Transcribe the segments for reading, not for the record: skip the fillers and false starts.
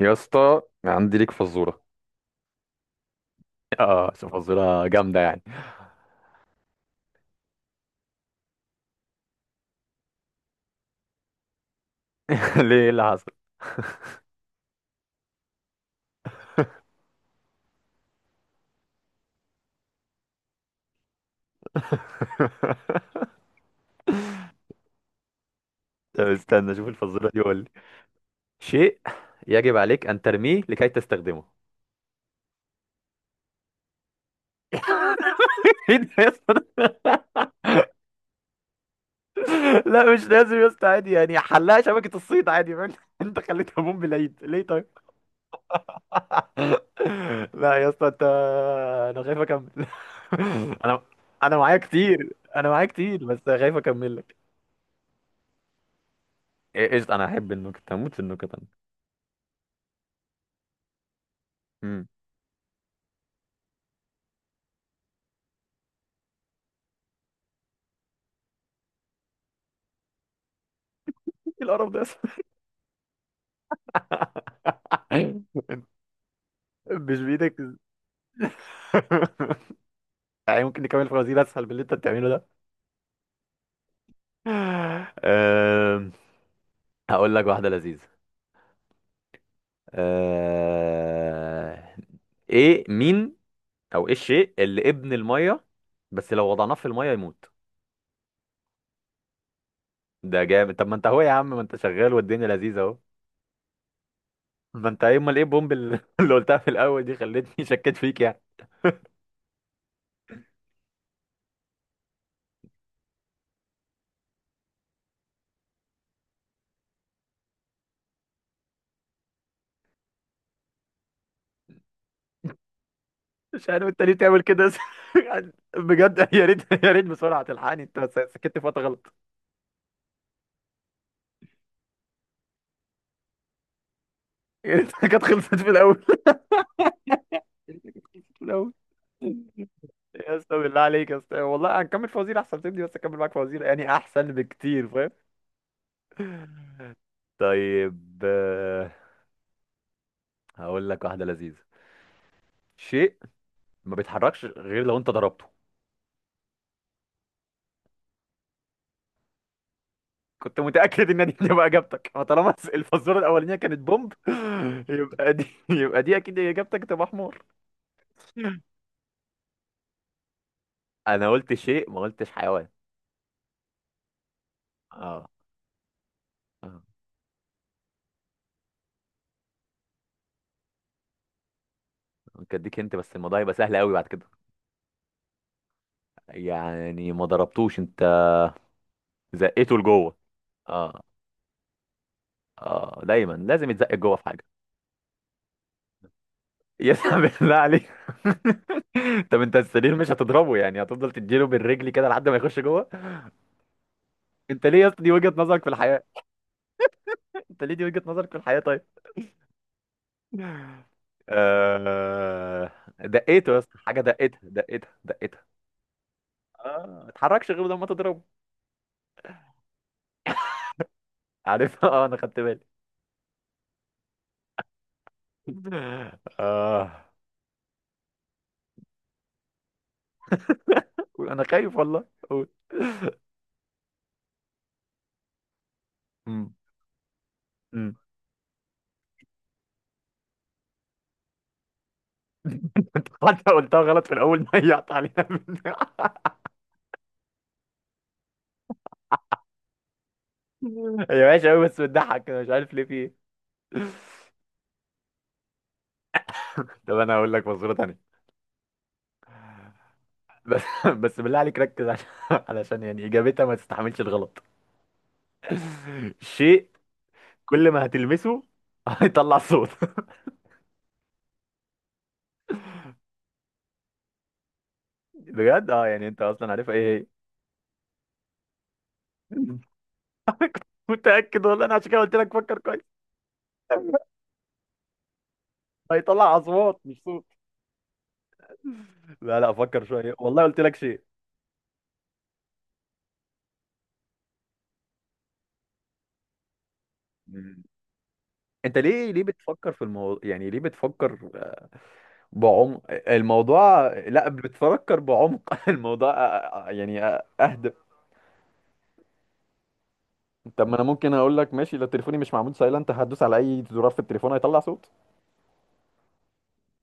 يا اسطى عندي ليك فزوره. اه، بس فزوره جامده يعني. ليه؟ إيه اللي حصل؟ طب استنى، شوف الفزوره دي، قول لي. شيء يجب عليك ان ترميه لكي تستخدمه. ايه ده يا اسطى؟ لا مش لازم يا اسطى، عادي يعني، حلها شبكه الصيد، عادي فاهم. انت خليتها بوم بالعيد ليه طيب؟ لا يا اسطى انت، انا خايف اكمل. انا انا معايا كتير، انا معايا كتير بس خايف اكمل لك. إيه، قشطه، انا احب النكت، هموت في النكت. انا. ايه القرف ده يا اسطى؟ ايوه. انت. مش بايدك. يعني ممكن نكمل فوازير اسهل من اللي انت بتعمله ده. أم، هقول لك واحده لذيذه. أه، ايه مين؟ او ايه الشيء اللي ابن الميه بس لو وضعناه في الميه يموت؟ ده جامد، طب ما انت اهو يا عم، ما انت شغال والدنيا لذيذه اهو. ما انت ايه، امال ايه البومب اللي اللي قلتها في الاول دي خلتني شكيت فيك يعني. مش عارف انت ليه تعمل كده. بجد، يا ريت، بسرعه تلحقني انت. سكت في وقت غلط. يا ريت كانت خلصت في الاول. يا ريت كانت خلصت في الاول. يا اسطى بالله عليك يا اسطى، والله هنكمل فوازير احسن تبني، بس اكمل معاك فوازير يعني احسن بكتير، فاهم. طيب هقول لك واحده لذيذه. شيء ما بيتحركش غير لو انت ضربته. كنت متاكد ان دي هتبقى اجابتك، فطالما الفزوره الاولانيه كانت بومب يبقى دي، اكيد اجابتك تبقى حمار. انا قلت شيء ما قلتش حيوان. اه. اه، ممكن اديك انت بس الموضوع يبقى سهل قوي بعد كده. يعني ما ضربتوش انت، زقته لجوه. اه. اه، دايما لازم يتزق جوه في حاجه. يسحب بالله عليك. طب انت السرير مش هتضربه يعني، هتفضل تديله بالرجل كده لحد ما يخش جوه. انت ليه يا اسطى دي وجهه نظرك في الحياه؟ انت ليه دي وجهه نظرك في الحياه طيب؟ آه... دقيته يا اسطى، حاجه دقتها دقتها دقتها. اه، ما اتحركش غير لما تضربه. عارف. اه انا خدت بالي. اه. قول، انا خايف والله، قول. امم امم حتى قلتها غلط في الاول، ضيعت عليها. هي وحشة أوي بس بتضحك أنا مش عارف ليه، في إيه؟ طب أنا هقول لك مصورة تانية. بس. بس بالله عليك ركز، علشان يعني إجابتها ما تستحملش الغلط. شيء كل ما هتلمسه هيطلع صوت. بجد؟ أه، يعني أنت أصلا عارفها إيه؟ هي. كنت متأكد والله أنا، عشان كده قلت لك فكر كويس. هيطلع أصوات مش صوت. لا لا، فكر شوية، والله قلت لك شيء. مم. أنت ليه، بتفكر في الموضوع يعني، ليه بتفكر بعمق الموضوع؟ لا، بتفكر بعمق الموضوع. يعني اهدى. طب ما انا ممكن اقول لك ماشي، لو تليفوني مش معمول سايلنت هدوس على اي زرار في التليفون هيطلع صوت.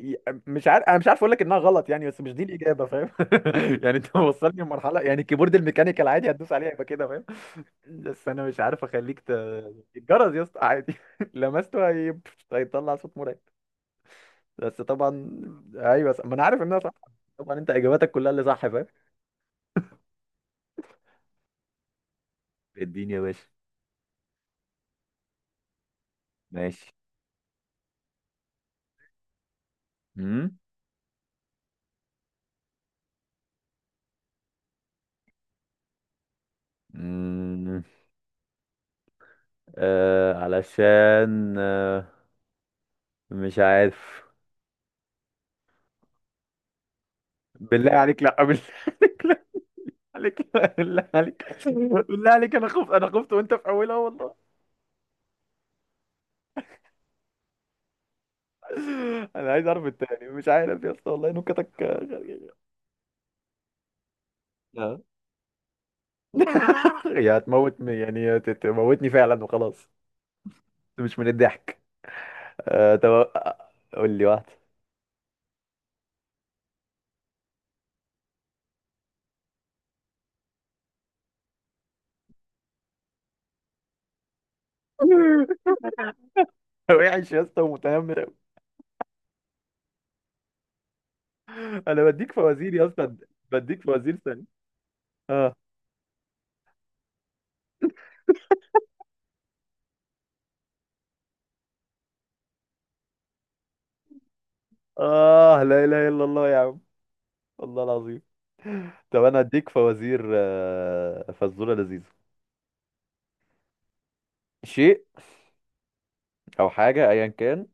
ي- مش عارف اقول لك انها غلط يعني، بس مش دي الاجابه، فاهم. يعني انت وصلني لمرحله يعني الكيبورد الميكانيكال عادي هتدوس عليه هيبقى كده، فاهم. بس انا مش عارف اخليك ت... الجرس يا اسطى عادي. لمسته هي... هيطلع صوت مرعب. بس طبعا. ايوه، ما انا عارف انها صح، طبعا انت اجاباتك كلها اللي صح، فاهم. اديني يا باشا. ماشي. مم؟ مم. علشان، مش عارف. بالله عليك لا. بالله عليك لا، عليك لا، بالله عليك. بالله عليك انا خفت، انا خفت وانت في اولها والله. انا عايز اعرف التاني، مش عارف يا اسطى والله، نكتك غريبة. لا. يا هتموتني يعني، يا تموتني فعلا وخلاص. مش من الضحك. آه طب، قول لي واحده. وحش يا اسطى ومتنمر أوي. انا بديك فوازير يا اسطى، بديك فوازير ثاني. آه لا إله إلا الله يا عم، والله العظيم. طب أنا أديك فوازير، فزورة لذيذة. شيء أو حاجة أيا كان،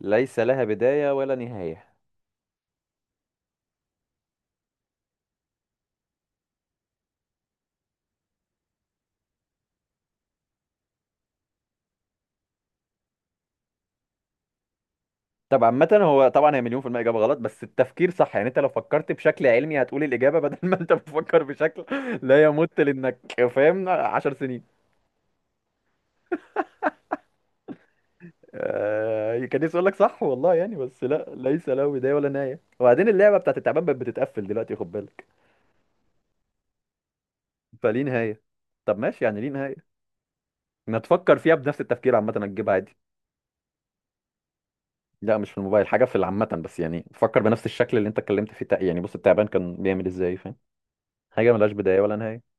ليس لها بداية ولا نهاية. طب عامة، هو طبعا هي مليون في المية إجابة غلط بس التفكير صح، يعني أنت لو فكرت بشكل علمي هتقول الإجابة، بدل ما أنت بتفكر بشكل لا يمت، لأنك فاهم عشر سنين. آه، كان نفسي أقول لك صح والله يعني، بس لا، ليس له بداية ولا نهاية، وبعدين اللعبة بتاعت التعبان بقت بتتقفل دلوقتي، خد بالك فليه نهاية. طب ماشي، يعني ليه نهاية. ما تفكر فيها بنفس التفكير، عامة هتجيبها عادي. لا، مش في الموبايل، حاجة في العامة بس، يعني فكر بنفس الشكل اللي انت اتكلمت فيه، يعني بص، التعبان كان بيعمل ازاي، فاهم. حاجة ملهاش بداية ولا نهاية.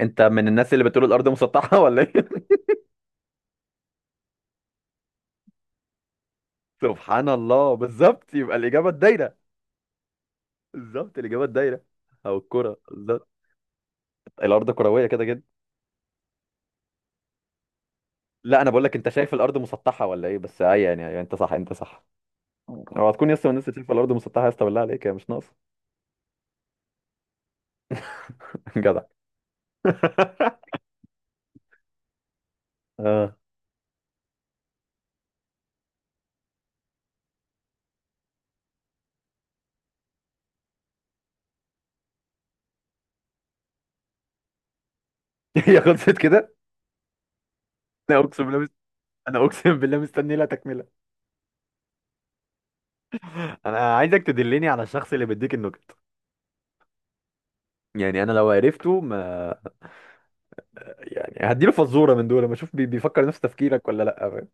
انت من الناس اللي بتقول الأرض مسطحة ولا ايه؟ سبحان الله، بالظبط، يبقى الإجابة الدايرة. بالظبط الإجابة الدايرة، أو الكرة بالظبط. الأرض كروية كده جدا. لا، أنا بقول لك انت شايف الأرض مسطحة ولا ايه، بس اي يعني، أي، انت صح، انت صح. هو هتكون يسطا من الناس اللي شايفة الأرض مسطحة يسطا؟ بالله عليك هي مش ناقصة. جدع. اه. هي خلصت كده؟ لا اقسم بالله، انا اقسم بالله مستني لها تكمله. انا عايزك تدلني على الشخص اللي بيديك النكت، يعني انا لو عرفته ما، يعني هديله فزوره من دول ما اشوف بيفكر نفس تفكيرك ولا لا، فاهم؟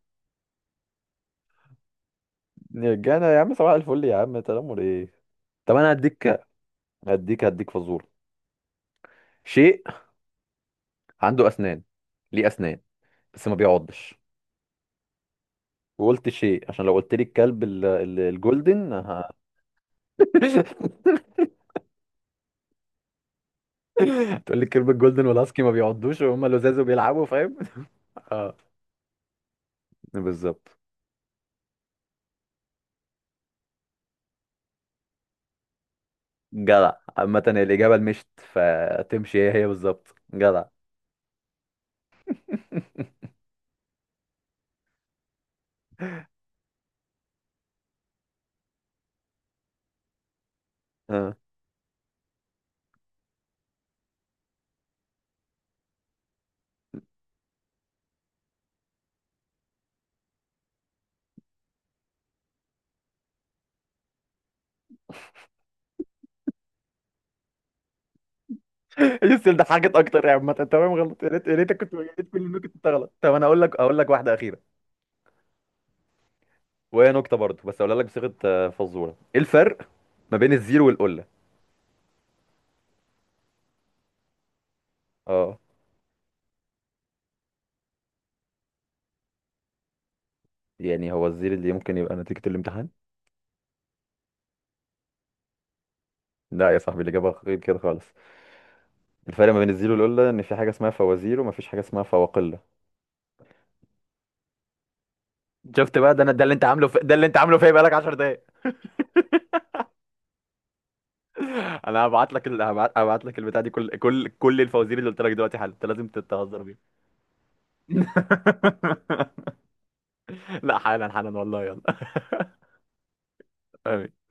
رجعنا يا عم، صباح الفل يا عم، تنمر ايه؟ طب انا هديك، فزوره. شيء عنده اسنان، ليه اسنان بس ما بيعضش. وقلت شيء عشان لو قلت لي الكلب الجولدن ه... تقول لي الكلب الجولدن والهاسكي ما بيعضوش وهم لزاز وبيلعبوا، فاهم. اه، بالظبط، جدع. عامة الإجابة المشت فتمشي هي هي بالظبط، جدع. اه. السؤال ده حاجة أكتر، يا عامة تمام غلط، يا ريت، كل النكت كنت غلط. طب أنا أقول لك واحدة أخيرة، وهي نكتة برضه بس أقولها لك بصيغة فزورة. إيه الفرق ما بين الزير والقلة؟ اه. يعني هو الزير اللي ممكن يبقى نتيجة الامتحان؟ لا يا صاحبي، الإجابة غير كده خالص. الفرق ما بين الزير والقلة إن في حاجة اسمها فوازير وما فيش حاجة اسمها فواقلة. شفت بقى، ده أنا، ده اللي أنت عامله في... ده اللي أنت عامله فيا بقالك 10 دقايق. انا هبعت لك ال... هبعت... هبعت لك البتاع دي، كل الفوازير اللي قلت لك دلوقتي حالا انت لازم تتهزر بيها. لا حالا، حالا والله. يلا.